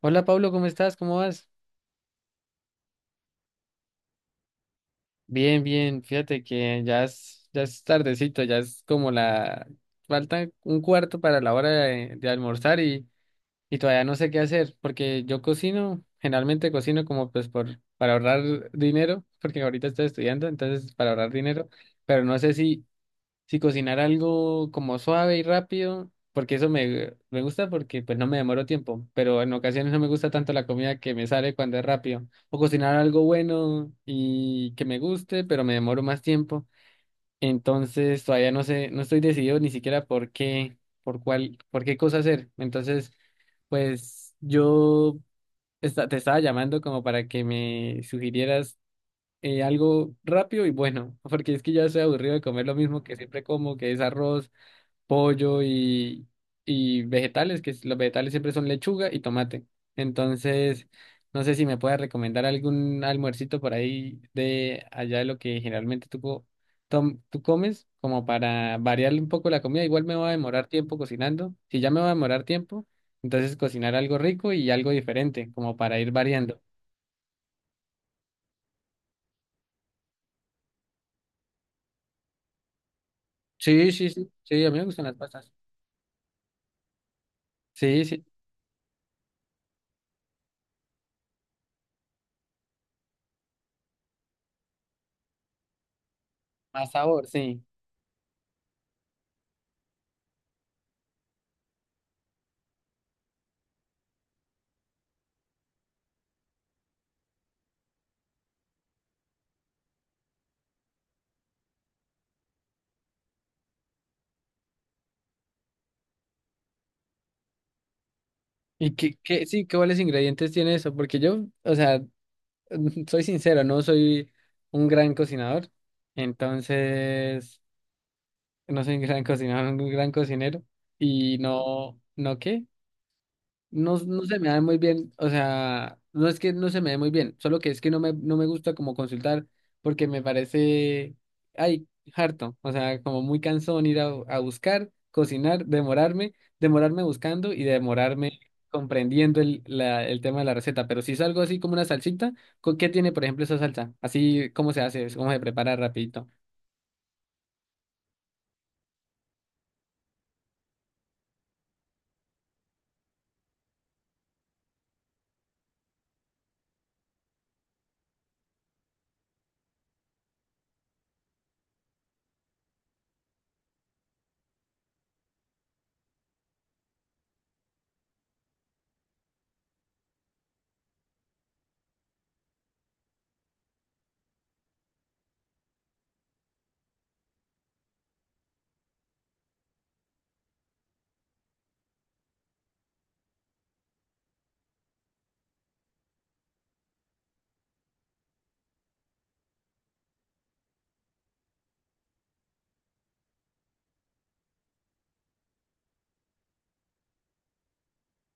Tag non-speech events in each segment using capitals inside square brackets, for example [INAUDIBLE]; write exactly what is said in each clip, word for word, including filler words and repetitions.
Hola Pablo, ¿cómo estás? ¿Cómo vas? Bien, bien, fíjate que ya es, ya es tardecito, ya es como la... Falta un cuarto para la hora de, de almorzar y, y todavía no sé qué hacer, porque yo cocino, generalmente cocino como pues por, para ahorrar dinero, porque ahorita estoy estudiando, entonces para ahorrar dinero, pero no sé si sí, cocinar algo como suave y rápido, porque eso me, me gusta porque pues no me demoro tiempo, pero en ocasiones no me gusta tanto la comida que me sale cuando es rápido. O cocinar algo bueno y que me guste, pero me demoro más tiempo. Entonces todavía no sé, no estoy decidido ni siquiera por qué, por cuál, por qué cosa hacer. Entonces, pues yo esta- te estaba llamando como para que me sugirieras eh, algo rápido y bueno, porque es que ya estoy aburrido de comer lo mismo que siempre como, que es arroz, pollo y, y vegetales, que los vegetales siempre son lechuga y tomate. Entonces, no sé si me puedes recomendar algún almuercito por ahí de allá de lo que generalmente tú, co- tom- tú comes, como para variarle un poco la comida. Igual me va a demorar tiempo cocinando. Si ya me va a demorar tiempo, entonces cocinar algo rico y algo diferente, como para ir variando. Sí, sí, sí, sí, a mí me gustan las pastas. Sí, sí, más sabor, sí. ¿Y qué, qué, sí, qué Cuáles ingredientes tiene eso? Porque yo, o sea, [LAUGHS] mm, soy sincero, no soy un gran cocinador, entonces no soy un gran cocinador, un gran cocinero y no, ¿no qué? No, no se me da muy bien, o sea, no es que no se me dé muy bien, solo que es que no me, no me gusta como consultar porque me parece, ay, harto, o sea, como muy cansón ir a, a buscar, cocinar, demorarme, demorarme buscando y demorarme comprendiendo el, la- el tema de la receta, pero si es algo así como una salsita, ¿con qué tiene, por ejemplo, esa salsa? Así, ¿cómo se hace? ¿Cómo se prepara rapidito?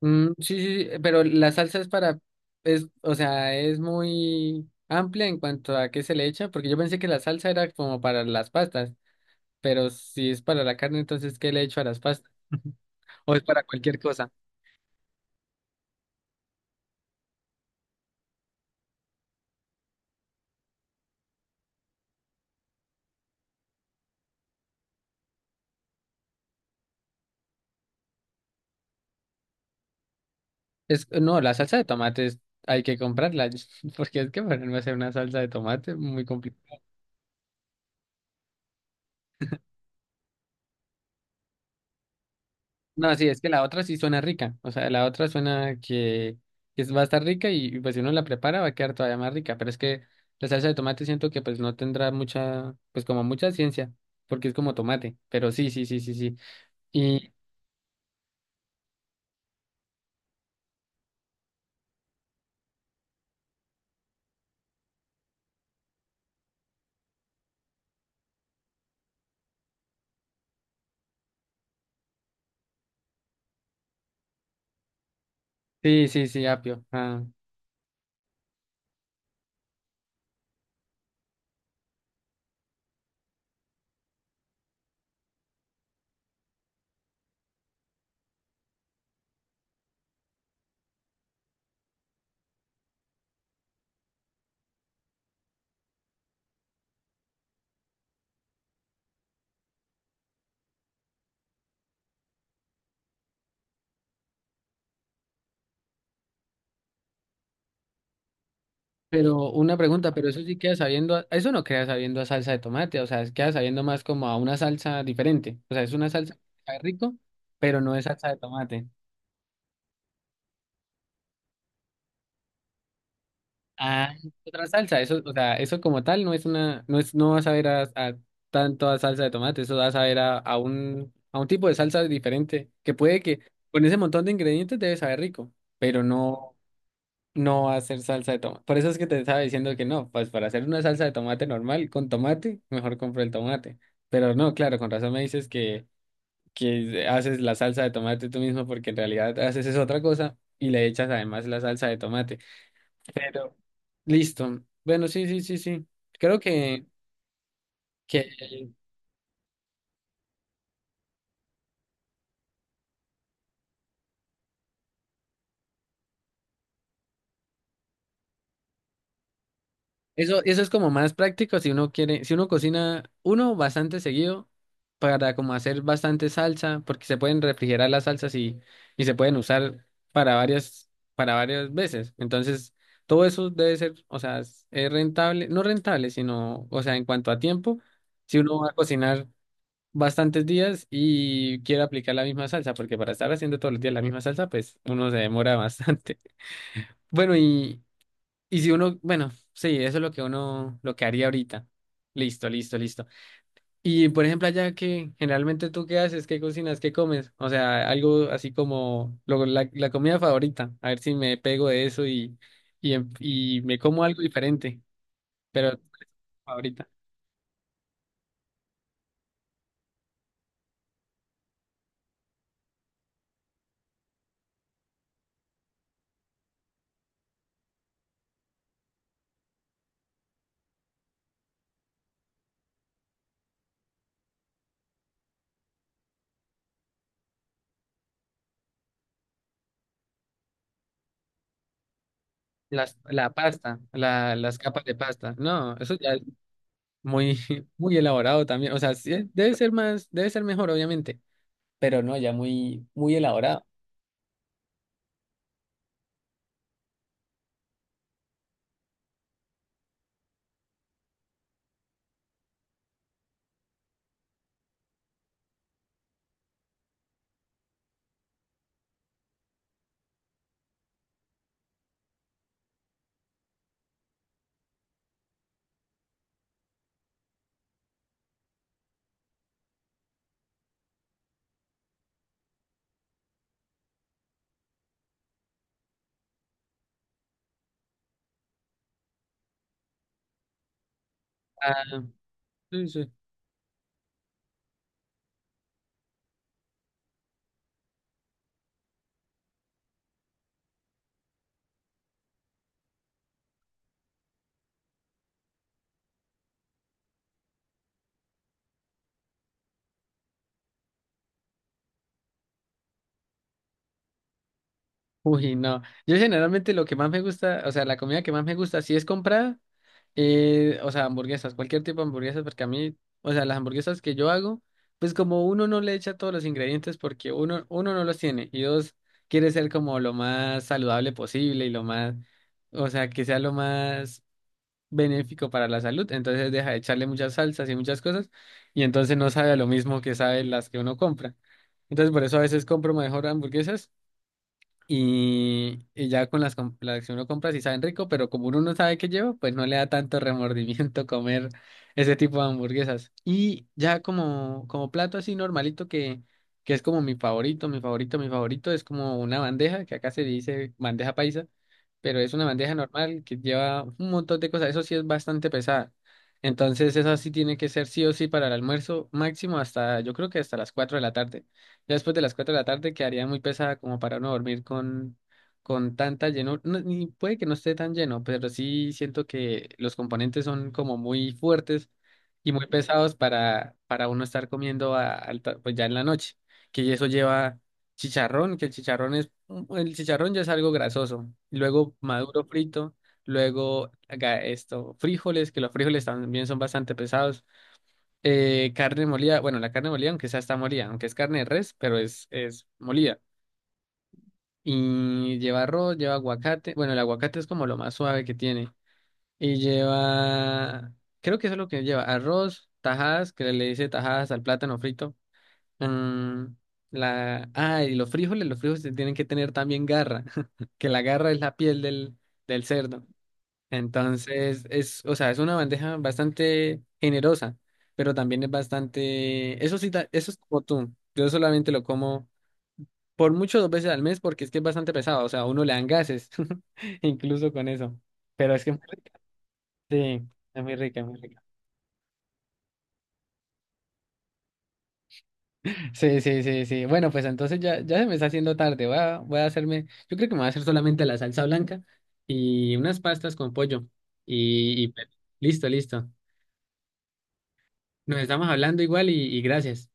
Mm, sí, sí, sí, pero la salsa es para, es, o sea, es muy amplia en cuanto a qué se le echa, porque yo pensé que la salsa era como para las pastas, pero si es para la carne, entonces ¿qué le echo a las pastas? [LAUGHS] O es para cualquier cosa. Es, no, la salsa de tomate hay que comprarla, [LAUGHS] porque es que ponerme a hacer una salsa de tomate muy complicado. No, sí, es que la otra sí suena rica. O sea, la otra suena que, que es- va a estar rica y, y, pues si uno la prepara va a quedar todavía más rica. Pero es que la salsa de tomate siento que pues no tendrá mucha, pues como mucha ciencia, porque es como tomate. Pero sí, sí, sí, sí, sí. Y sí, sí, sí, apio. Ah. Pero una pregunta, pero eso sí queda sabiendo, a- eso no queda sabiendo a salsa de tomate, o sea, es- queda sabiendo más como a una salsa diferente. O sea, es una salsa que sabe rico, pero no es salsa de tomate. Ah, es otra salsa, eso, o sea, eso como tal no es una, no es, no vas a ver a, a tanto a salsa de tomate, eso vas a ver a, a un, a un tipo de salsa diferente, que puede que con ese montón de ingredientes debe saber rico, pero no, no va a ser salsa de tomate. Por eso es que te estaba diciendo que no, pues para hacer una salsa de tomate normal con tomate, mejor compro el tomate. Pero no, claro, con razón me dices que, que haces la salsa de tomate tú mismo, porque en realidad haces es otra cosa y le echas además la salsa de tomate. Pero, listo. Bueno, sí, sí, sí, sí. Creo que, que eso, eso es como más práctico si uno quiere, si uno cocina uno bastante seguido para como hacer bastante salsa, porque se pueden refrigerar las salsas y, y se pueden usar para varias, para varias veces. Entonces, todo eso debe ser, o sea, es es rentable, no rentable, sino, o sea, en cuanto a tiempo, si uno va a cocinar bastantes días y quiero aplicar la misma salsa, porque para estar haciendo todos los días la misma salsa, pues uno se demora bastante. [LAUGHS] Bueno, y, y si uno, bueno, sí, eso es lo que uno, lo que haría ahorita. Listo, listo, listo. Y por ejemplo, allá que generalmente tú qué haces, qué cocinas, qué comes, o sea, algo así como lo- la, la comida favorita, a ver si me pego de eso y, y, em- y me como algo diferente, pero favorita. Las, la pasta, la, las capas de pasta. No, eso ya muy, [LAUGHS] muy elaborado también. O sea, sí, eh, debe ser más, debe ser mejor, obviamente, pero no, ya muy, muy elaborado. Ah, sí, sí. Uy, no. Yo generalmente lo que más me gusta, o sea, la comida que más me gusta, si es comprada, eh, o sea, hamburguesas, cualquier tipo de hamburguesas, porque a mí, o sea, las hamburguesas que yo hago, pues como uno no le echa todos los ingredientes porque uno, uno no los tiene y dos, quiere ser como lo más saludable posible y lo más, o sea, que sea lo más benéfico para la salud, entonces deja de echarle muchas salsas y muchas cosas, y entonces no sabe a lo mismo que sabe las que uno compra. Entonces por eso a veces compro mejor hamburguesas y, y ya con las, com- las que uno compra, sí saben rico, pero como uno no sabe qué lleva, pues no le da tanto remordimiento [LAUGHS] comer ese tipo de hamburguesas. Y ya como, como plato así normalito que, que es como mi favorito, mi favorito, mi favorito, es como una bandeja, que acá se dice bandeja paisa, pero es una bandeja normal que lleva un montón de cosas, eso sí es bastante pesada. Entonces eso sí tiene que ser sí o sí para el almuerzo máximo hasta, yo creo que hasta las cuatro de la tarde. Ya después de las cuatro de la tarde quedaría muy pesada como para uno dormir con, con tanta llenura. No, ni puede que no esté tan lleno, pero sí siento que los componentes son como muy fuertes y muy pesados para, para uno estar comiendo a alta- pues ya en la noche. Que eso lleva chicharrón, que el chicharrón es, el chicharrón ya es algo grasoso. Luego maduro frito, luego haga esto, frijoles, que los frijoles también son bastante pesados. Eh, carne molida, bueno, la carne molida, aunque esa está molida, aunque es carne de res, pero es, es molida. Y lleva arroz, lleva aguacate. Bueno, el aguacate es como lo más suave que tiene. Y lleva, creo que eso es lo que lleva, arroz, tajadas, que le dice tajadas al plátano frito. Mm, la, ah, y los frijoles, los frijoles tienen que tener también garra, [LAUGHS] que la garra es la piel del, del cerdo. Entonces, es, o sea, es una bandeja bastante generosa, pero también es bastante, eso sí, ta- eso es como tú. Yo solamente lo como por mucho dos veces al mes porque es que es bastante pesado, o sea, a uno le dan gases, [LAUGHS] incluso con eso. Pero es que es muy rica. Sí, es muy rica, es muy rica. Sí, sí, sí, sí. Bueno, pues entonces ya, ya se me está haciendo tarde. Voy a, voy a hacerme, yo creo que me voy a hacer solamente la salsa blanca y unas pastas con pollo. Y, y pues, listo, listo. Nos estamos hablando igual y y gracias.